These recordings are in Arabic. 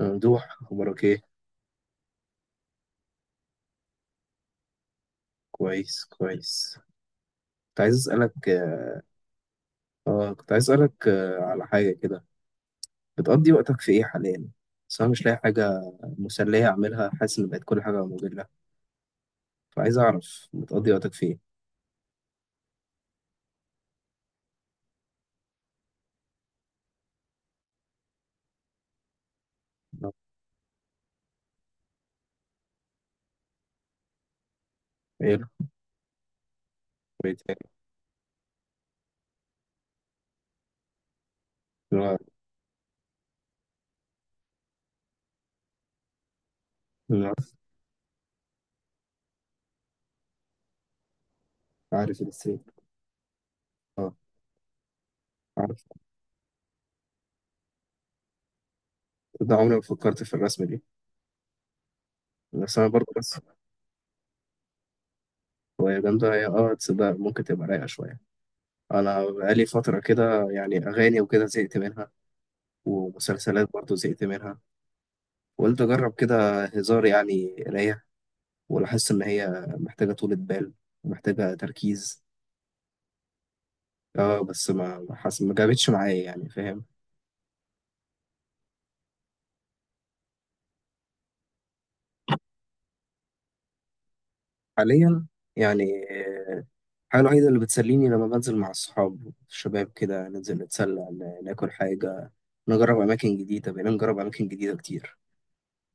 ممدوح، أخبارك إيه؟ كويس كويس. كنت عايز أسألك كنت عايز أسألك على حاجة كده. بتقضي وقتك في إيه حاليا؟ بس أنا مش لاقي حاجة مسلية أعملها، حاسس إن بقت كل حاجة مملة، فعايز أعرف بتقضي وقتك في إيه؟ آه. إيه الهوايات يعني؟ لا- لا. عارف الرسم؟ آه عارف. ده عمري ما فكرت في الرسم دي، بس أنا برضه بس. هواية جامدة هي، تصدق ممكن تبقى رايقة شوية. أنا بقالي فترة كده، يعني أغاني وكده زهقت منها، ومسلسلات برضه زهقت منها، وقلت أجرب كده هزار يعني قراية، ولاحظت إن هي محتاجة طولة بال ومحتاجة تركيز. اه، بس ما جابتش معايا، يعني فاهم. حاليا يعني، آه، الحاجة الوحيدة اللي بتسليني لما بنزل مع الصحاب الشباب كده، ننزل نتسلى، ناكل حاجة، نجرب أماكن جديدة، بقينا نجرب أماكن جديدة كتير.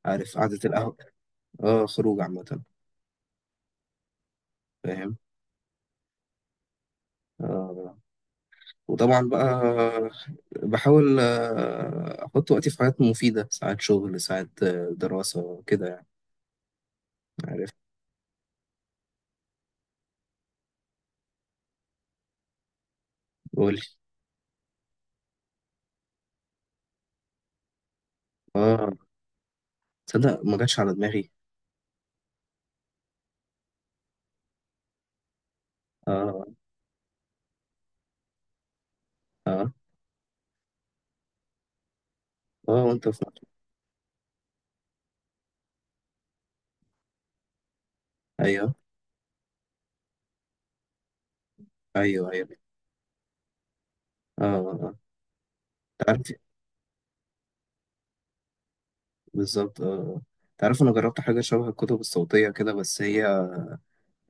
عارف قعدة القهوة. اه خروج عامة، فاهم. آه، وطبعا بقى بحاول احط وقتي في حاجات مفيده، ساعات شغل، ساعات دراسه كده يعني. عارف. قولي. اه تصدق ما جاتش على دماغي. اه اه اه، وانت في مصر. ايوه ايوه ايوه. اه آه. تعرف، بالظبط اه. تعرف، انا جربت حاجه شبه الكتب الصوتيه كده، بس هي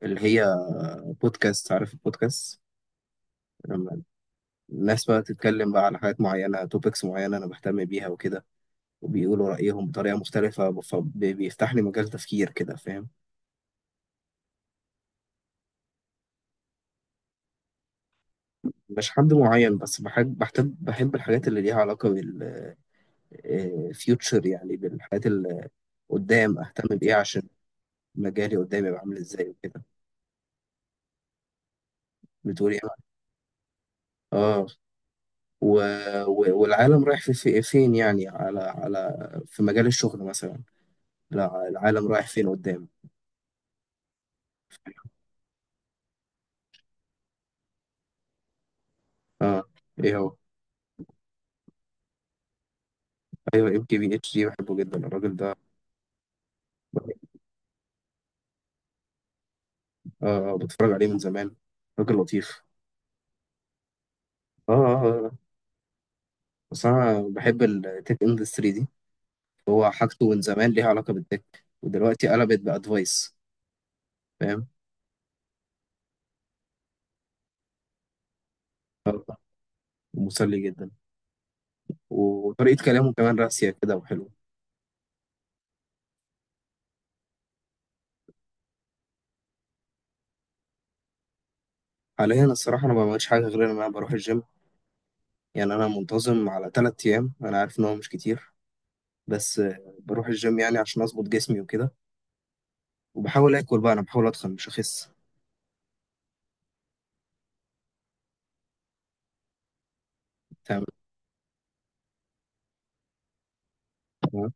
اللي هي بودكاست، عارف البودكاست؟ لما الناس بقى تتكلم بقى على حاجات معينه، توبكس معينه انا بهتم بيها وكده، وبيقولوا رأيهم بطريقة مختلفة، فبيفتح لي مجال تفكير كده، فاهم. مش حد معين، بس بحب الحاجات اللي ليها علاقة بالفيوتشر، يعني بالحاجات اللي قدام أهتم بإيه، عشان مجالي قدام يبقى عامل إزاي وكده. بتقول إيه؟ آه، و... والعالم رايح فين يعني، على على في مجال الشغل مثلا. لا، العالم رايح فين قدام. آه. إيه هو؟ أيوه، MKBHD، بحبه جدا الراجل ده. آه، بتفرج عليه من زمان، راجل لطيف. آه آه آه. آه. بس أنا بحب التك اندستري دي، هو حاجته من زمان ليها علاقة بالتك، ودلوقتي قلبت بأدفايس، فاهم. مسلي جدا، وطريقة كلامه كمان راسية كده وحلوة. حاليا الصراحة أنا ما بعملش حاجة غير إن أنا بروح الجيم، يعني أنا منتظم على 3 أيام، أنا عارف إن هو مش كتير، بس بروح الجيم يعني عشان أظبط جسمي وكده، وبحاول آكل بقى، أنا بحاول أتخن مش أخس. تمام. تمام.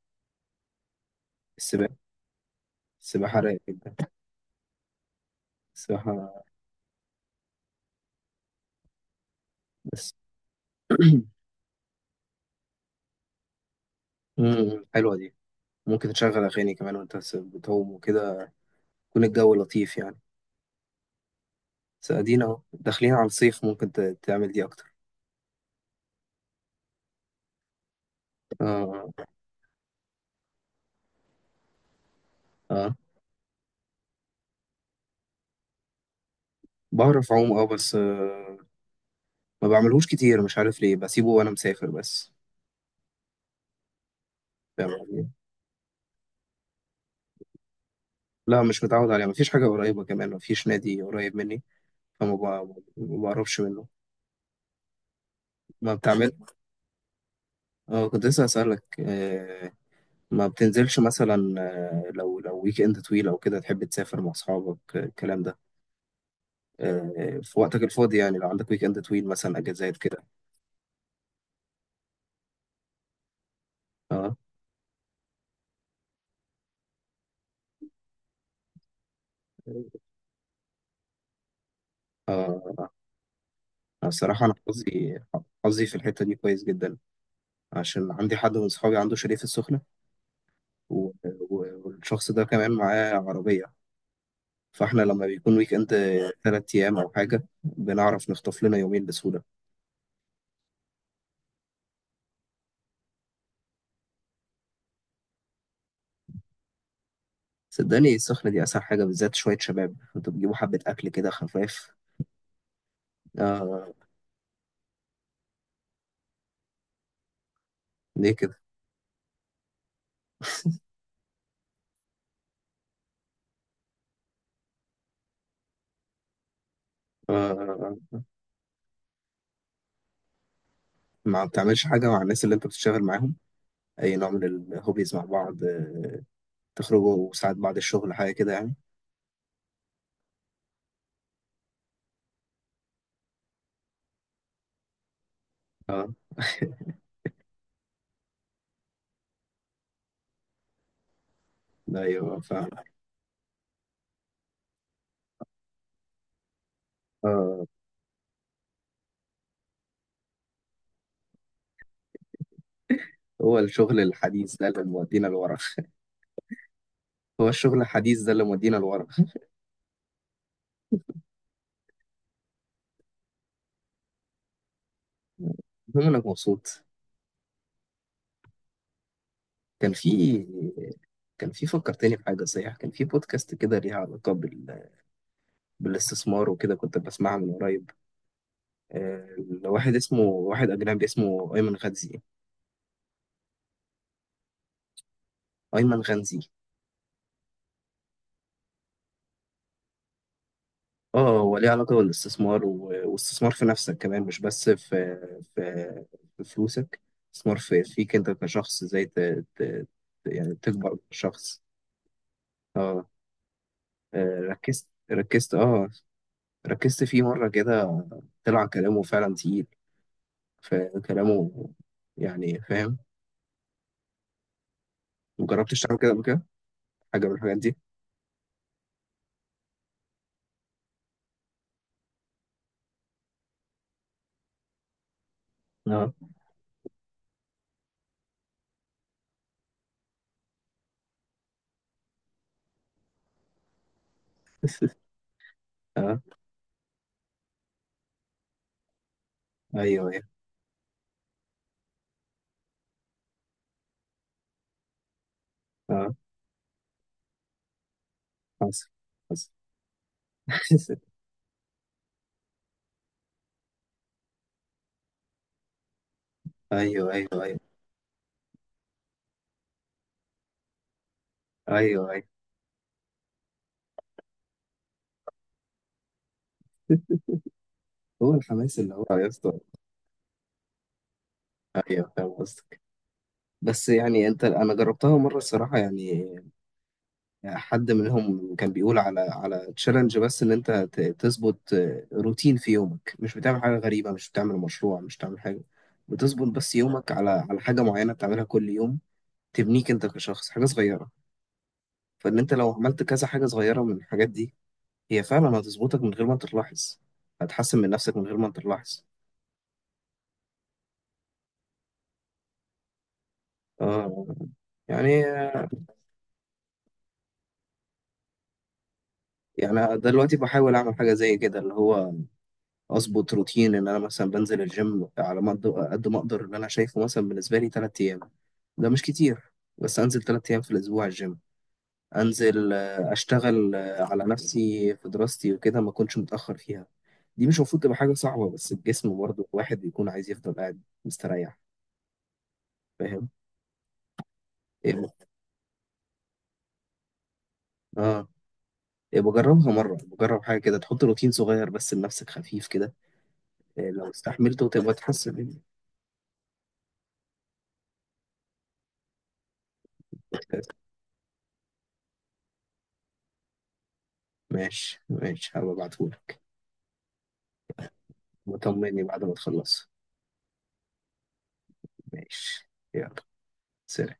السباحة. السباحة رايقة جدا. السباحة بس مم، حلوة دي. ممكن تشغل أغاني كمان وأنت بتعوم وكده، يكون الجو لطيف يعني. بس ادينا اهو داخلين على الصيف، ممكن تعمل دي اكتر. اه اه. بعرف اعوم، اه بس آه ما بعملهوش كتير، مش عارف ليه بسيبه وانا مسافر بس. فاهم قصدي؟ لا مش متعود عليه، مفيش حاجة قريبة كمان، مفيش نادي قريب مني. فما بع- ما بعرفش منه. ما بتعمل. اه كنت لسه اسألك، ما بتنزلش مثلا، لو ويك اند طويل او كده تحب تسافر مع اصحابك، الكلام ده، في وقتك الفاضي يعني، لو عندك ويك اند طويل مثلا اجازات كده. اه. آه. الصراحة أنا حظي في الحتة دي كويس جدا، عشان عندي حد من صحابي عنده شاليه في السخنة، و... و... والشخص ده كمان معاه عربية، فاحنا لما بيكون ويك اند 3 أيام أو حاجة، بنعرف نخطف لنا يومين بسهولة. صدقني السخنة دي أسهل حاجة، بالذات شوية شباب انتوا بتجيبوا حبة أكل كده خفاف. آه. ليه كده؟ آه. ما بتعملش حاجة مع الناس اللي انت بتشتغل معاهم، أي نوع من الهوبيز مع بعض، تخرجوا ساعات بعد الشغل حاجة كده يعني. اه ايوه فاهم. آه. هو الشغل الحديث ده اللي مودينا لورا. هو الشغل الحديث ده اللي مودينا لورا. المهم انك مبسوط. كان في كان في فكرتني بحاجة صحيح، كان في بودكاست كده ليها علاقة بال... بالاستثمار وكده، كنت بسمعها من قريب، لواحد اسمه، واحد أجنبي اسمه أيمن غنزي. أيمن غنزي. اه، هو ليه علاقة بالاستثمار واستثمار في نفسك كمان، مش بس في في, في فلوسك، استثمار في فيك انت كشخص، ازاي ت... يعني تكبر كشخص. اه. آه، ركزت ركزت اه ركزت فيه مرة كده، طلع كلامه فعلا تقيل، فكلامه يعني فاهم. مجربتش تعمل كده قبل كده حاجة من الحاجات دي؟ اه اه. ايوه ايوه اه. حصل. حصل ايوه ايوه ايوه. ايوه ايوه. هو الحماس اللي هو يا اسطى. ايوه فاهم قصدك. بس يعني انت، انا جربتها مرة الصراحة يعني، يعني حد منهم كان بيقول على تشالنج، بس ان انت تظبط روتين في يومك، مش بتعمل حاجه غريبه، مش بتعمل مشروع، مش بتعمل حاجه، بتظبط بس يومك على حاجه معينه بتعملها كل يوم، تبنيك انت كشخص حاجه صغيره، فان انت لو عملت كذا حاجه صغيره من الحاجات دي، هي فعلا هتظبطك من غير ما انت تلاحظ، هتحسن من نفسك من غير ما انت تلاحظ. آه. يعني، يعني أنا دلوقتي بحاول اعمل حاجه زي كده اللي هو، اظبط روتين ان انا مثلا بنزل الجيم على ما أقدر- قد ما اقدر، اللي انا شايفه مثلا بالنسبه لي 3 ايام، ده مش كتير، بس انزل 3 ايام في الاسبوع الجيم، انزل اشتغل على نفسي في دراستي وكده ما اكونش متاخر فيها، دي مش المفروض تبقى حاجه صعبه، بس الجسم برضه الواحد بيكون عايز يفضل قاعد مستريح، فاهم. إيه اه. إيه بجربها مره، بجرب حاجه كده تحط روتين صغير بس لنفسك خفيف كده. إيه لو استحملته تبقى تحسن منه. ماشي ماشي، هبقى ابعتهولك. وطمني بعد ما تخلص. ماشي. يلا. سلام.